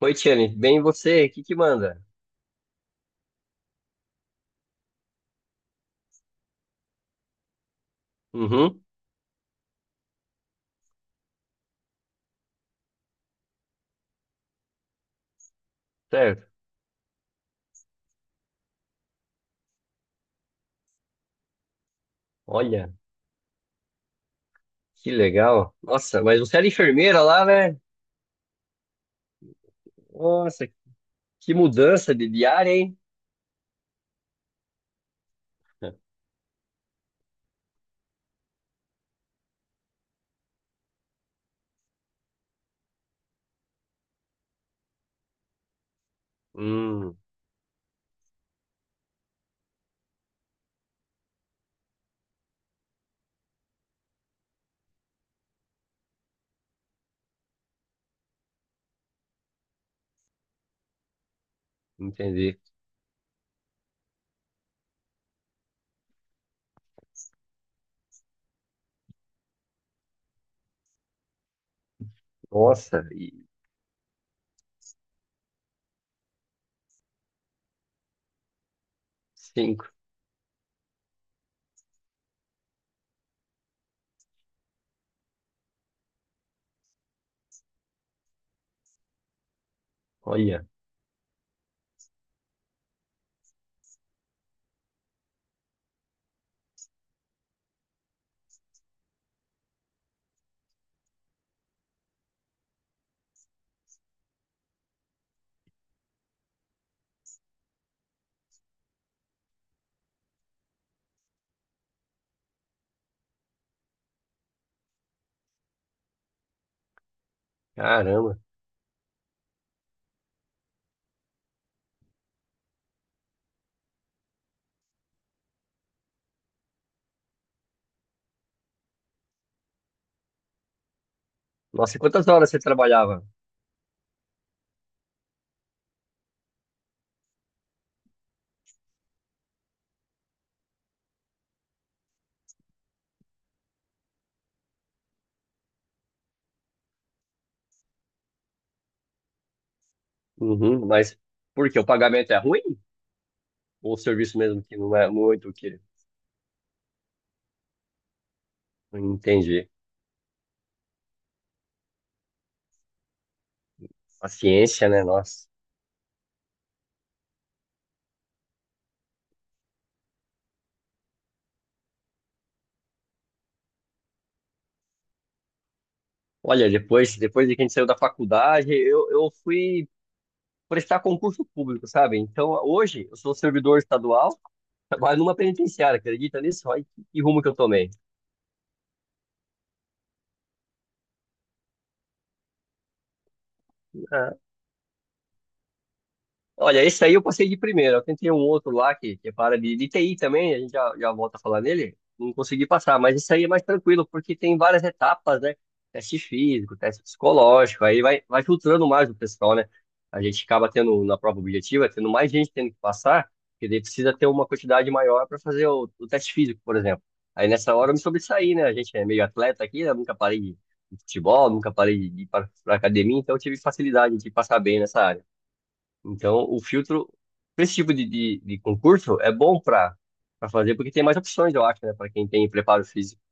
Oi, Tiane, bem e você? O que que manda? Uhum. Certo. Olha, que legal. Nossa, mas você era enfermeira lá, né? Nossa, que mudança de área, hein? Hum. Entendi. Nossa, e cinco. Olha, caramba. Nossa, e quantas horas você trabalhava? Uhum, mas por quê? O pagamento é ruim? Ou o serviço mesmo que não é muito que... Entendi. Paciência, né? Nossa. Olha, depois, depois de que a gente saiu da faculdade, eu fui prestar concurso público, sabe? Então, hoje, eu sou servidor estadual, trabalho numa penitenciária, acredita nisso? Olha que rumo que eu tomei. Olha, esse aí eu passei de primeira. Eu tentei um outro lá que é para de TI também, a gente já volta a falar nele. Não consegui passar, mas esse aí é mais tranquilo, porque tem várias etapas, né? Teste físico, teste psicológico, aí vai filtrando mais o pessoal, né? A gente acaba tendo, na prova objetiva, tendo mais gente tendo que passar, porque daí precisa ter uma quantidade maior para fazer o teste físico, por exemplo. Aí nessa hora eu me sobressaí, né? A gente é meio atleta aqui, né? Nunca parei de futebol, nunca parei de ir para academia, então eu tive facilidade de passar bem nessa área. Então, o filtro, pra esse tipo de concurso, é bom para fazer, porque tem mais opções, eu acho, né, para quem tem preparo físico.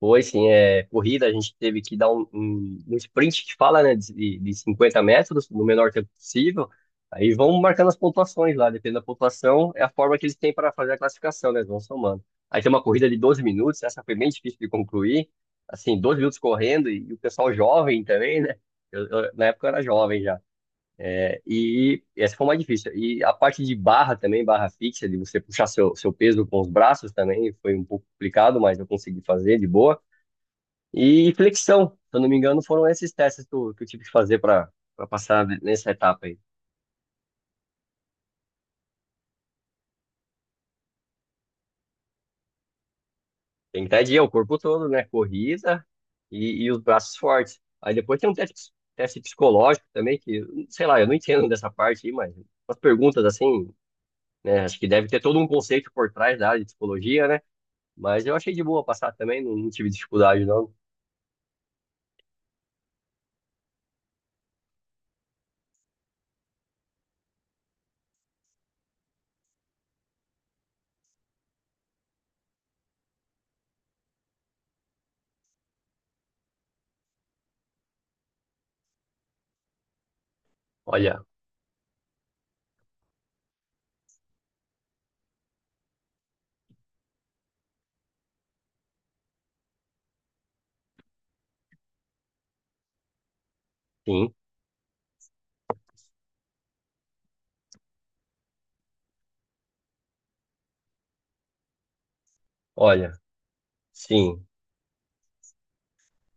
Foi, sim, é, corrida, a gente teve que dar um sprint que fala, né, de 50 metros, no menor tempo possível. Aí vão marcando as pontuações lá, dependendo da pontuação, é a forma que eles têm para fazer a classificação, né, eles vão somando. Aí tem uma corrida de 12 minutos, essa foi bem difícil de concluir, assim, 12 minutos correndo, e o pessoal jovem também, né, eu, na época eu era jovem já. E essa foi mais difícil. E a parte de barra também, barra fixa, de você puxar seu peso com os braços também, foi um pouco complicado, mas eu consegui fazer de boa. E flexão, se eu não me engano, foram esses testes que eu tive que fazer para passar nessa etapa aí. Tem que o corpo todo, né? Corrida e os braços fortes. Aí depois tem um teste, teste psicológico também, que, sei lá, eu não entendo dessa parte aí, mas as perguntas assim, né? Acho que deve ter todo um conceito por trás da área de psicologia, né? Mas eu achei de boa passar também, não, não tive dificuldade, não. Olha, sim, olha, sim.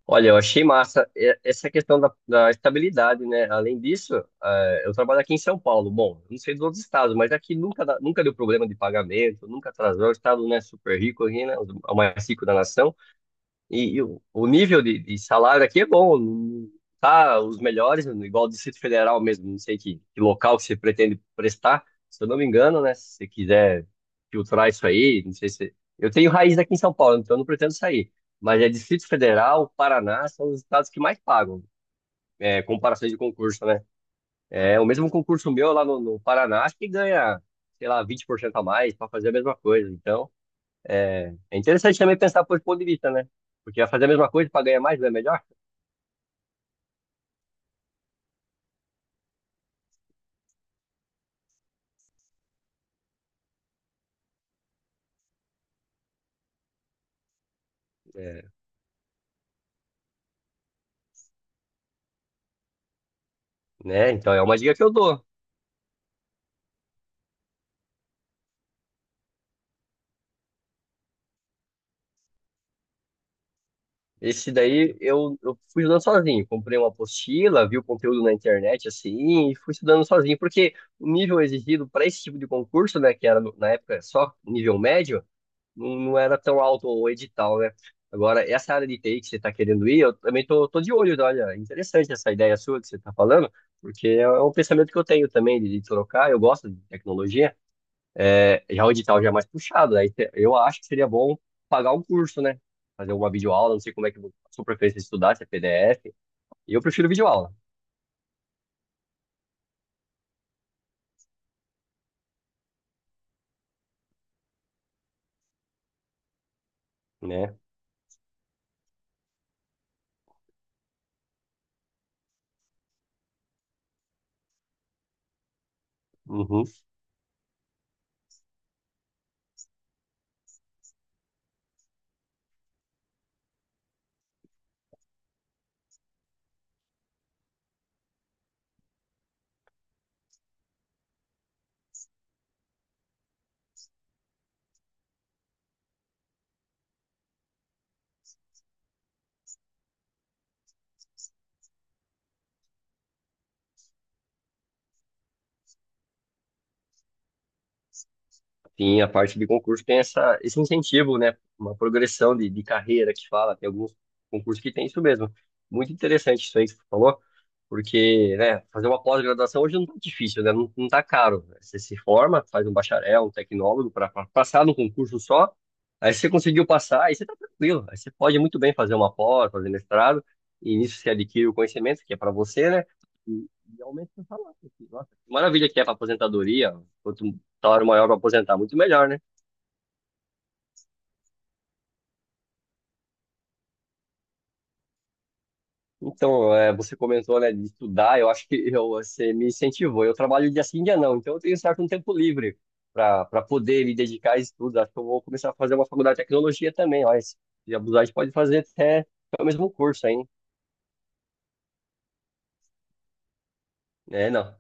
Olha, eu achei massa essa questão da estabilidade, né? Além disso, eu trabalho aqui em São Paulo. Bom, não sei dos outros estados, mas aqui nunca, nunca deu problema de pagamento, nunca atrasou. O estado, né, super rico aqui, né? O mais rico da nação. E o nível de salário aqui é bom, não tá os melhores, igual o Distrito Federal mesmo, não sei que local que você pretende prestar, se eu não me engano, né? Se você quiser filtrar isso aí, não sei se. Eu tenho raiz aqui em São Paulo, então eu não pretendo sair. Mas é Distrito Federal, Paraná, são os estados que mais pagam, é, comparações de concurso, né? É, o mesmo concurso meu lá no Paraná, acho que ganha, sei lá, 20% a mais para fazer a mesma coisa. Então. É, é interessante também pensar por esse ponto de vista, né? Porque vai fazer a mesma coisa para ganhar mais, não é melhor? É, né? Então é uma dica que eu dou. Esse daí eu fui estudando sozinho. Comprei uma apostila, vi o conteúdo na internet assim, e fui estudando sozinho. Porque o nível exigido para esse tipo de concurso, né, que era na época só nível médio, não, não era tão alto o edital, né? Agora, essa área de TI que você está querendo ir, eu também tô, tô de olho, né? Olha, é interessante essa ideia sua que você está falando, porque é é um pensamento que eu tenho também de trocar, eu gosto de tecnologia, é, já o edital já é mais puxado, eu acho que seria bom pagar um curso, né? Fazer uma videoaula, não sei como é que a sua preferência de estudar, se é PDF, eu prefiro videoaula, né? Uhum. Sim, a parte de concurso tem essa, esse incentivo, né? Uma progressão de carreira que fala, tem alguns concursos que tem isso mesmo. Muito interessante isso aí que você falou, porque, né, fazer uma pós-graduação hoje não tá difícil, né? Não, não tá caro. Né? Você se forma, faz um bacharel, um tecnólogo para passar no concurso só, aí você conseguiu passar, aí você tá tranquilo. Aí você pode muito bem fazer uma pós, fazer mestrado, e nisso você adquire o conhecimento que é para você, né? E, e aumenta o seu salário. Nossa, que maravilha que é para aposentadoria, quanto salário maior para aposentar, muito melhor, né? Então, é, você comentou, né, de estudar, eu acho que eu, você me incentivou. Eu trabalho dia sim, dia não, então eu tenho certo um tempo livre para poder me dedicar a estudos. Acho que eu vou começar a fazer uma faculdade de tecnologia também, ó, se abusar, a gente pode fazer até o mesmo curso, hein? É, não.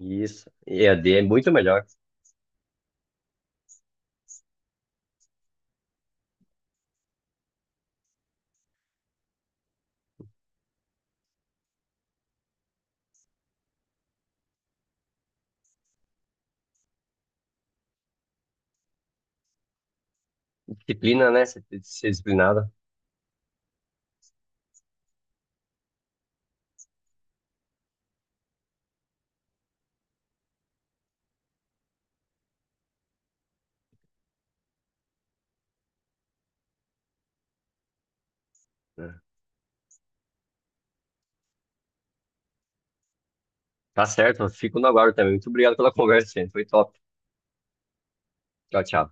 Isso. E a D é muito melhor. Disciplina, né? Você tem que ser disciplinada. Tá certo, eu fico no aguardo também. Muito obrigado pela conversa, gente. Foi top. Tchau, tchau.